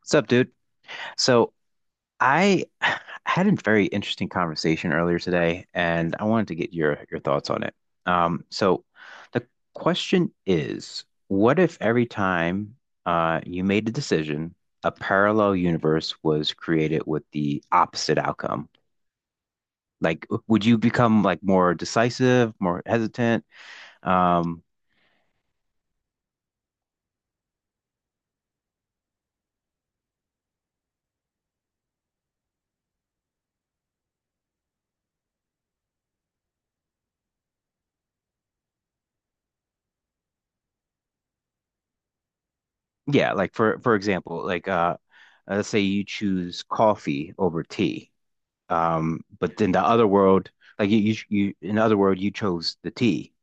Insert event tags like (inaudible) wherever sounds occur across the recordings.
What's up, dude? So, I (sighs) had a very interesting conversation earlier today, and I wanted to get your thoughts on it. So, the question is, what if every time you made a decision, a parallel universe was created with the opposite outcome? Like, would you become like more decisive, more hesitant? Um, yeah, like for example, like let's say you choose coffee over tea. But in the other world, like you in the other world, you chose the T.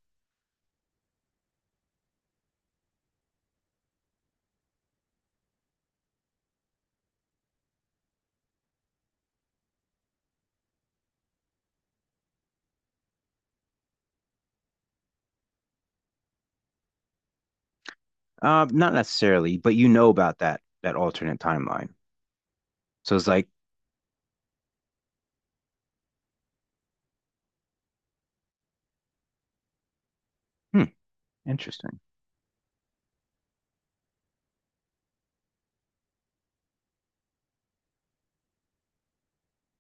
Not necessarily, but you know about that alternate timeline. So it's like, hmm, interesting,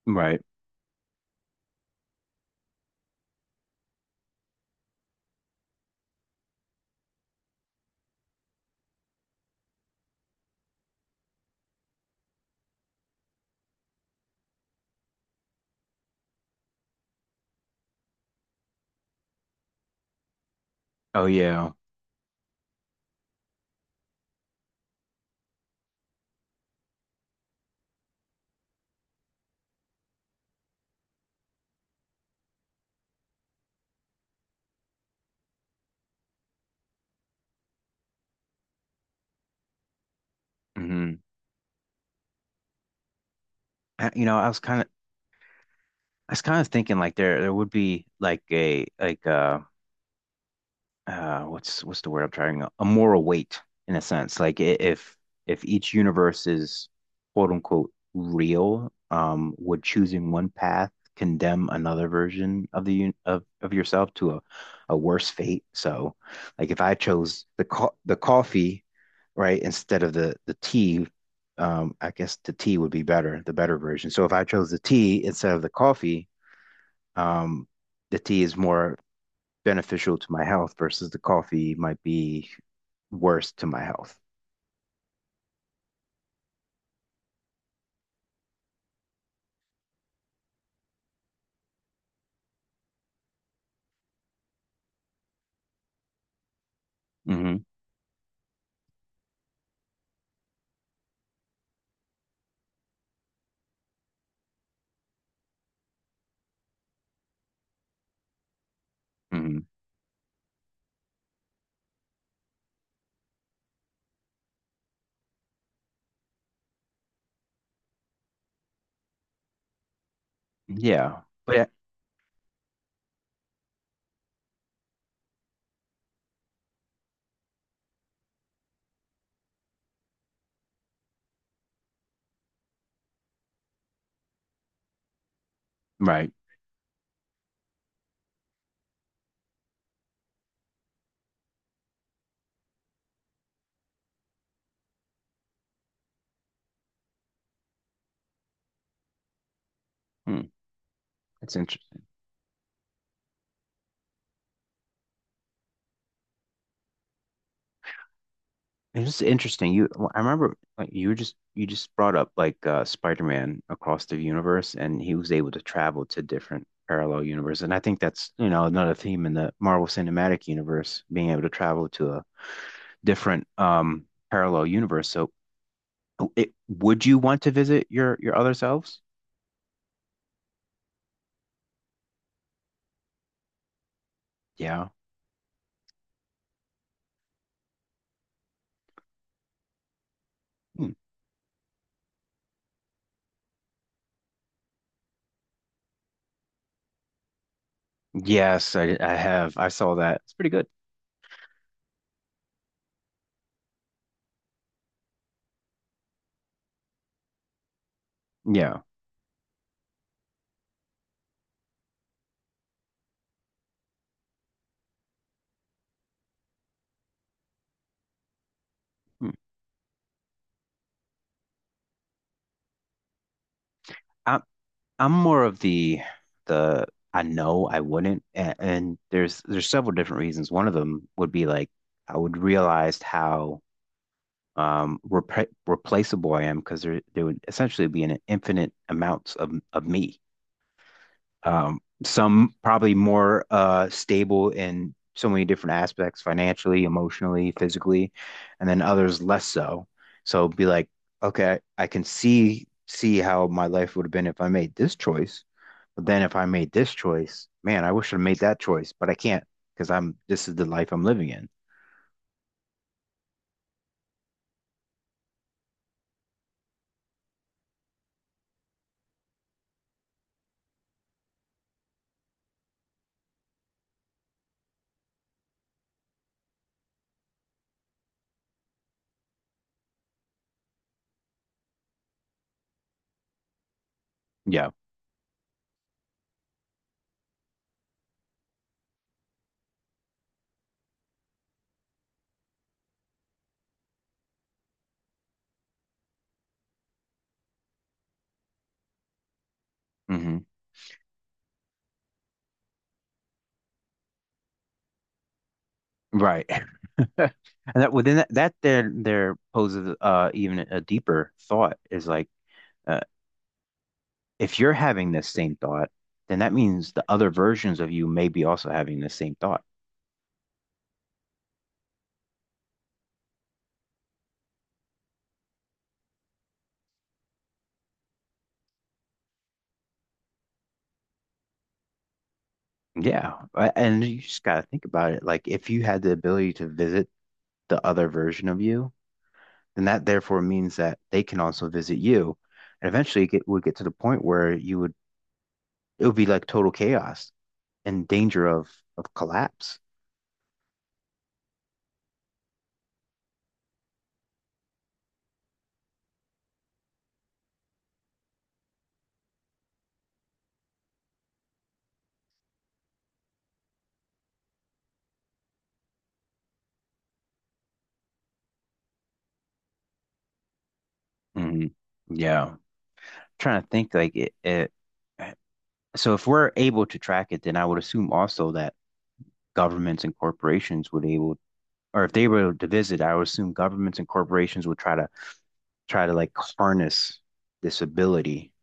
right? Oh yeah. hmm I, you know, I was kind of thinking like there would be like a like what's the word I'm trying, a moral weight, in a sense, like if each universe is quote unquote real, would choosing one path condemn another version of the un of yourself to a worse fate. So like if I chose the co the coffee right, instead of the tea, I guess the tea would be better, the better version. So if I chose the tea instead of the coffee, um the tea is more beneficial to my health versus the coffee might be worse to my health. hmm hmm Yeah. But yeah, right. Hmm. That's interesting. It's just interesting. You, well, I remember like you were just you just brought up like Spider-Man Across the Universe, and he was able to travel to different parallel universes. And I think that's, you know, another theme in the Marvel Cinematic Universe, being able to travel to a different parallel universe. So, it, would you want to visit your other selves? Yeah. Hmm. Yes, I have. I saw that. It's pretty good. Yeah. Mm. I'm I'm more of the, I know I wouldn't. And, and there's several different reasons. One of them would be like I would realize how repre replaceable I am, because there would essentially be an infinite amounts of me. Some probably more stable in so many different aspects, financially, emotionally, physically, and then others less so. So be like, okay, I can see how my life would have been if I made this choice. But then if I made this choice, man, I wish I made that choice, but I can't, because I'm, this is the life I'm living in. Yeah. hmm Right. (laughs) (laughs) And that, within that, there there poses even a deeper thought, is like uh, if you're having this same thought, then that means the other versions of you may be also having the same thought. Yeah, I- and you just gotta think about it. Like if you had the ability to visit the other version of you, then that therefore means that they can also visit you, and eventually it would get to the point where you would it would be like total chaos and danger of collapse. Mhm. Yeah, trying to think like it. So if we're able to track it, then I would assume also that governments and corporations would able, or if they were to visit, I would assume governments and corporations would try to try to like harness this ability.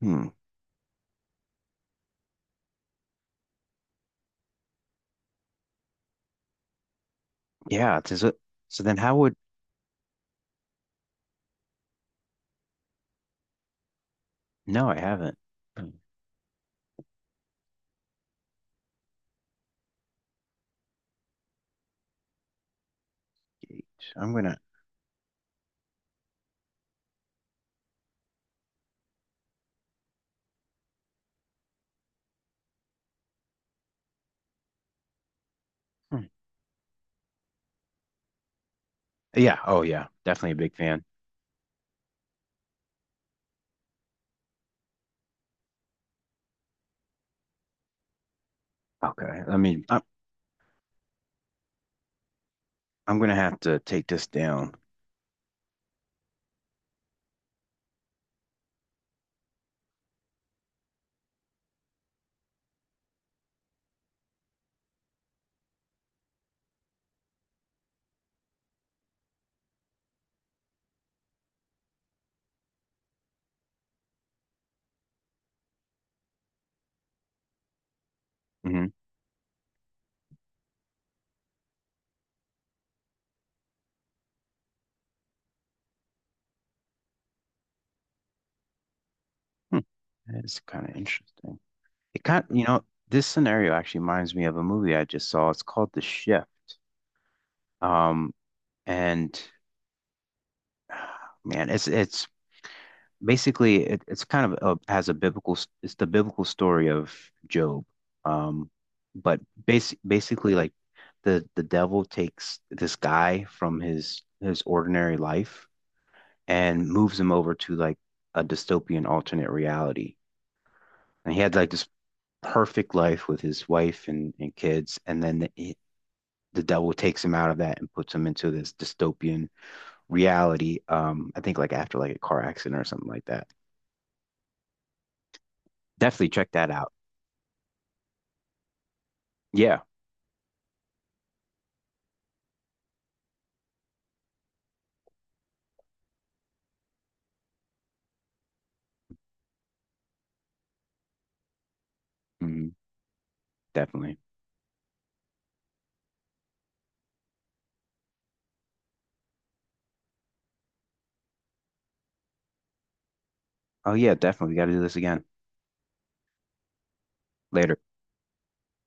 Hmm. Yeah. So then how would, no, I haven't engaged. I'm gonna, hmm. Yeah. Oh yeah. Definitely a big fan. Okay. I'm gonna have to take this down. hmm Hmm. That's kind of interesting. It kind, you know, this scenario actually reminds me of a movie I just saw. It's called The Shift. Um, and (sighs) man, it's basically it's kind of a, has a biblical it's the biblical story of Job. Um, but basically like the devil takes this guy from his ordinary life and moves him over to like a dystopian alternate reality. And he had like this perfect life with his wife and kids, and then the devil takes him out of that and puts him into this dystopian reality. I think like after like a car accident or something like that. Definitely check that out. Yeah, hmm definitely. Oh yeah, definitely. We got to do this again later.